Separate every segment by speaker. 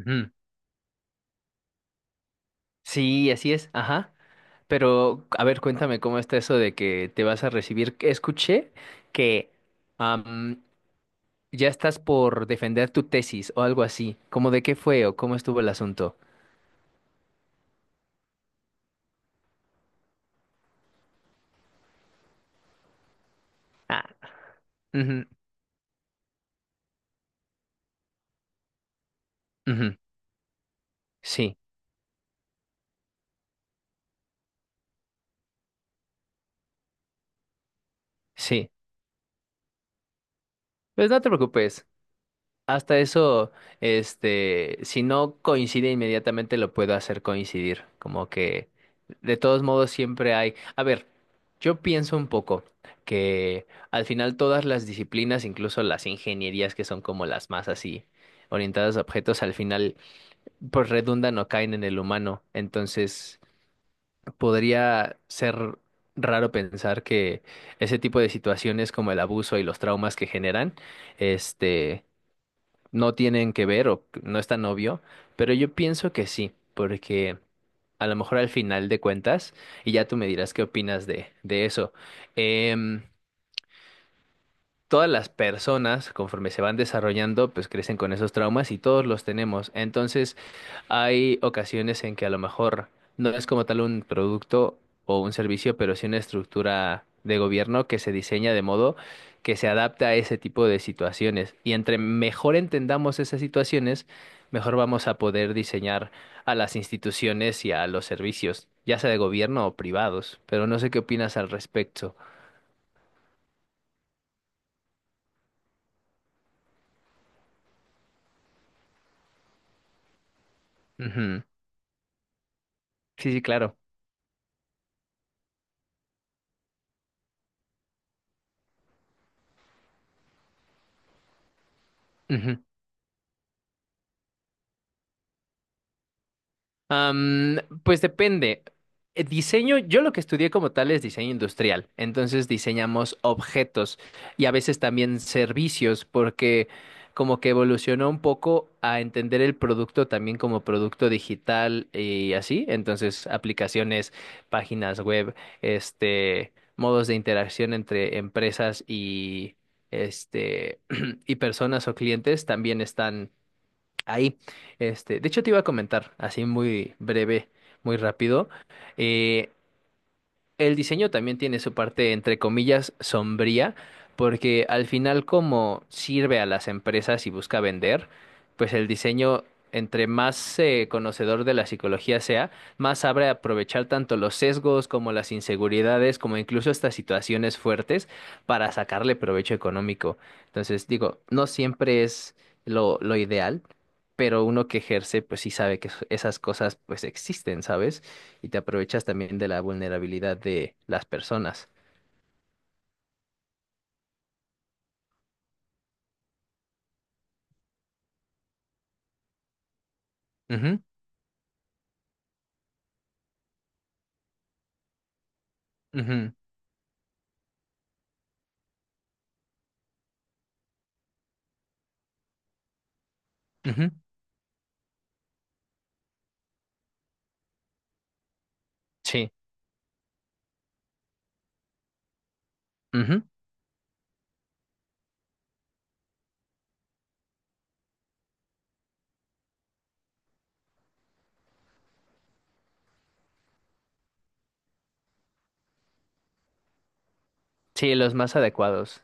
Speaker 1: Ujú. Sí, así es, ajá. Pero, a ver, cuéntame cómo está eso de que te vas a recibir. Escuché que am, ya estás por defender tu tesis o algo así. ¿Cómo de qué fue o cómo estuvo el asunto? Ah, ujú, ujú. Sí, sí. Pues no te preocupes. Hasta eso, si no coincide inmediatamente, lo puedo hacer coincidir. Como que, de todos modos, siempre hay. A ver, yo pienso un poco que al final todas las disciplinas, incluso las ingenierías que son como las más así, orientadas a objetos, al final, pues redundan o caen en el humano. Entonces, podría ser raro pensar que ese tipo de situaciones como el abuso y los traumas que generan, este no tienen que ver o que no es tan obvio, pero yo pienso que sí, porque a lo mejor al final de cuentas, y ya tú me dirás qué opinas de eso, em, todas las personas, conforme se van desarrollando, pues crecen con esos traumas y todos los tenemos. Entonces, hay ocasiones en que a lo mejor no es como tal un producto o un servicio, pero sí una estructura de gobierno que se diseña de modo que se adapta a ese tipo de situaciones. Y entre mejor entendamos esas situaciones, mejor vamos a poder diseñar a las instituciones y a los servicios, ya sea de gobierno o privados. Pero no sé qué opinas al respecto. Ujú. Sí, sí, claro. Ujú. Pues depende. Diseño, yo lo que estudié como tal es diseño industrial, entonces diseñamos objetos y a veces también servicios, porque como que evolucionó un poco a entender el producto también como producto digital y así, entonces aplicaciones, páginas web, modos de interacción entre empresas y este y personas o clientes también están. Ahí, de hecho te iba a comentar, así muy breve, muy rápido, eh, el diseño también tiene su parte, entre comillas, sombría, porque al final como sirve a las empresas y busca vender, pues el diseño, entre más conocedor de la psicología sea, más sabe aprovechar tanto los sesgos como las inseguridades, como incluso estas situaciones fuertes para sacarle provecho económico. Entonces, digo, no siempre es lo ideal, pero uno que ejerce, pues sí sabe que esas cosas pues existen, ¿sabes? Y te aprovechas también de la vulnerabilidad de las personas. Ujú, ujú, ujú, sí, ujú. Sí, los más adecuados.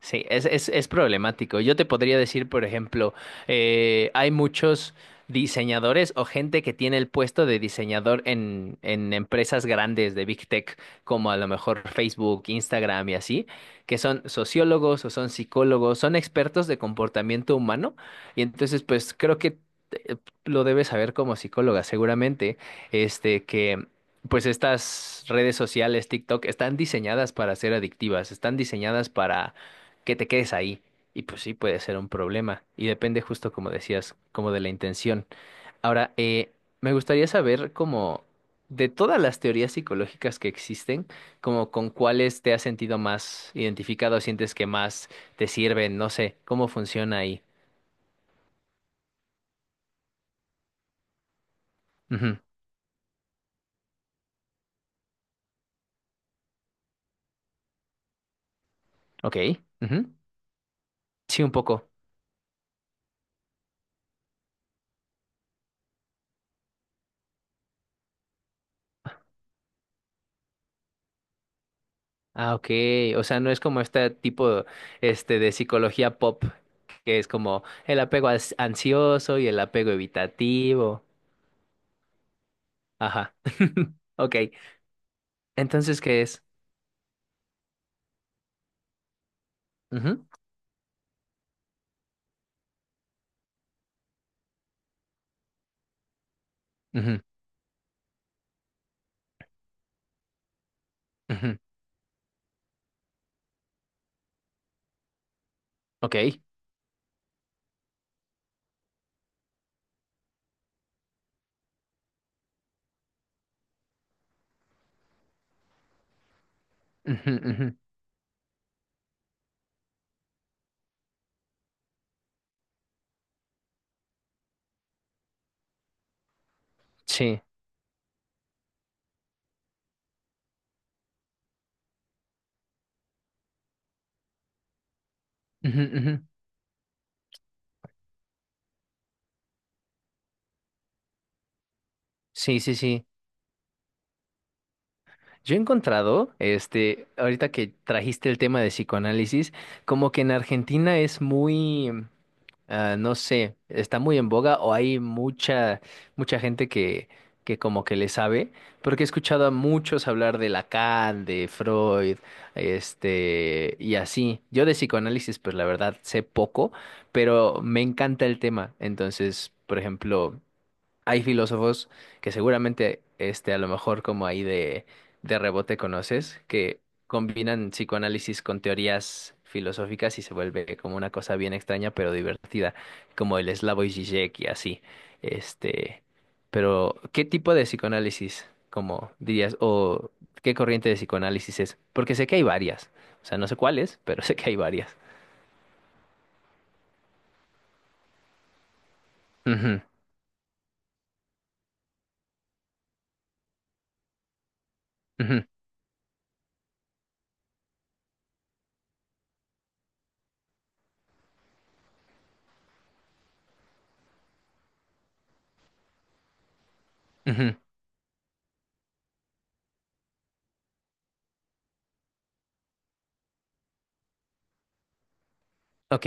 Speaker 1: Sí, es problemático. Yo te podría decir, por ejemplo, hay muchos diseñadores o gente que tiene el puesto de diseñador en empresas grandes de Big Tech, como a lo mejor Facebook, Instagram y así, que son sociólogos o son psicólogos, son expertos de comportamiento humano. Y entonces, pues creo que eh, lo debes saber como psicóloga, seguramente, que... Pues estas redes sociales, TikTok, están diseñadas para ser adictivas, están diseñadas para que te quedes ahí. Y pues sí, puede ser un problema. Y depende justo como decías, como de la intención. Ahora, me gustaría saber como de todas las teorías psicológicas que existen, como con cuáles te has sentido más identificado, sientes que más te sirven, no sé, cómo funciona ahí. Ujú, Ok. Ujú. Sí, un poco. Ah, ok. O sea, no es como este tipo, de psicología pop, que es como el apego ansioso y el apego evitativo. Ajá. Ok. Entonces, ¿qué es? Ujú, ujú, ujú. Ok. Ujú, ujú. Sí. Ujú, ujú. Sí, sí, sí. Yo he encontrado, ahorita que trajiste el tema de psicoanálisis, como que en Argentina Ah, no sé, está muy en boga o hay mucha gente que como que le sabe, porque he escuchado a muchos hablar de Lacan, de Freud, y así. Yo de psicoanálisis, pues la verdad sé poco, pero me encanta el tema. Entonces, por ejemplo, hay filósofos que seguramente, a lo mejor como ahí de rebote conoces, que combinan psicoanálisis con teorías filosóficas y se vuelve como una cosa bien extraña pero divertida, como el Slavoj Žižek y así. Este, pero, ¿qué tipo de psicoanálisis, como dirías, o qué corriente de psicoanálisis es? Porque sé que hay varias, o sea, no sé cuáles, pero sé que hay varias. Ujú, ujú, ujú. Ok,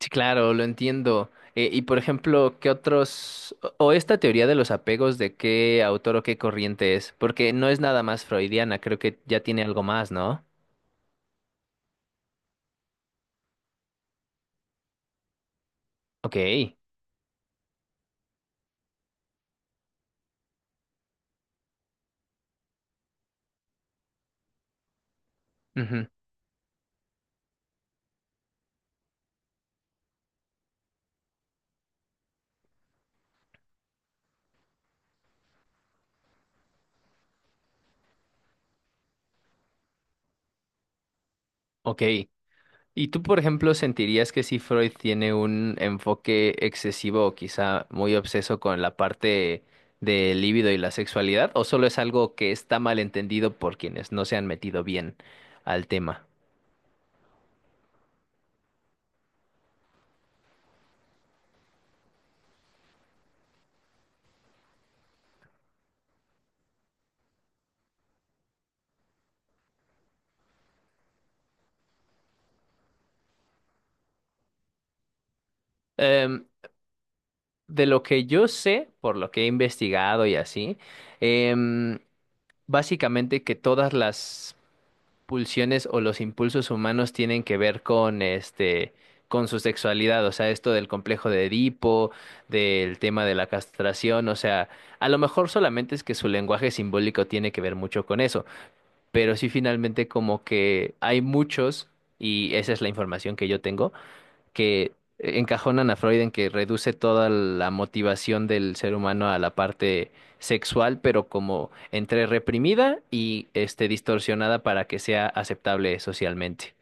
Speaker 1: sí, claro, lo entiendo. Y por ejemplo, ¿qué otros, o esta teoría de los apegos, de qué autor o qué corriente es? Porque no es nada más freudiana, creo que ya tiene algo más, ¿no? Ok, ujú, ok. ¿Y tú, por ejemplo, sentirías que si Freud tiene un enfoque excesivo o quizá muy obseso con la parte del libido y la sexualidad, o solo es algo que está mal entendido por quienes no se han metido bien al tema? De lo que yo sé, por lo que he investigado y así, em, básicamente que todas las pulsiones o los impulsos humanos tienen que ver con con su sexualidad, o sea, esto del complejo de Edipo, del tema de la castración, o sea, a lo mejor solamente es que su lenguaje simbólico tiene que ver mucho con eso, pero sí finalmente como que hay muchos, y esa es la información que yo tengo que encajonan a Freud en que reduce toda la motivación del ser humano a la parte sexual, pero como entre reprimida y distorsionada para que sea aceptable socialmente.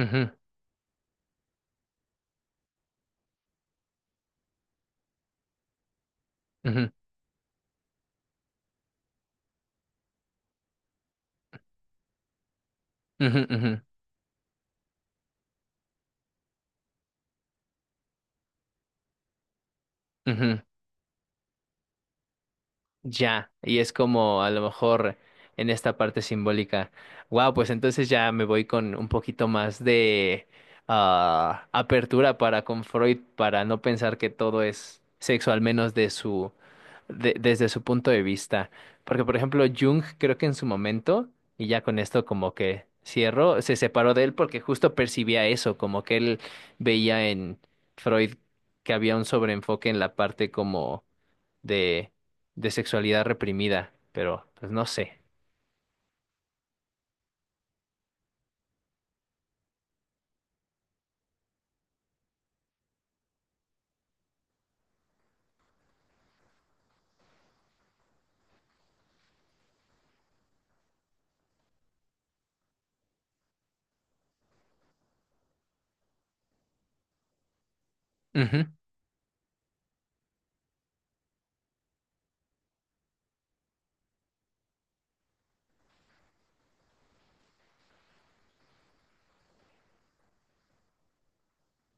Speaker 1: Ujú, ujú, ujú, ujú, ujú. Ya, y es como a lo mejor en esta parte simbólica. Wow, pues entonces ya me voy con un poquito más de apertura para con Freud, para no pensar que todo es sexo, al menos desde su punto de vista. Porque, por ejemplo, Jung creo que en su momento, y ya con esto como que cierro, se separó de él porque justo percibía eso, como que él veía en Freud que había un sobreenfoque en la parte como de, de sexualidad reprimida, pero pues no sé. Ujú,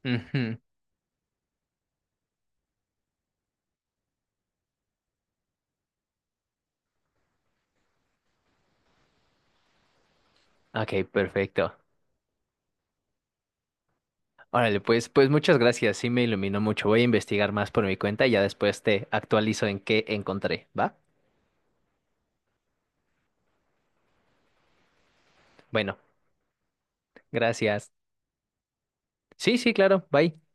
Speaker 1: ujú. Ok, perfecto. Órale, pues, muchas gracias, sí me iluminó mucho. Voy a investigar más por mi cuenta y ya después te actualizo en qué encontré, ¿va? Bueno, gracias. Sí, sí, claro, bye.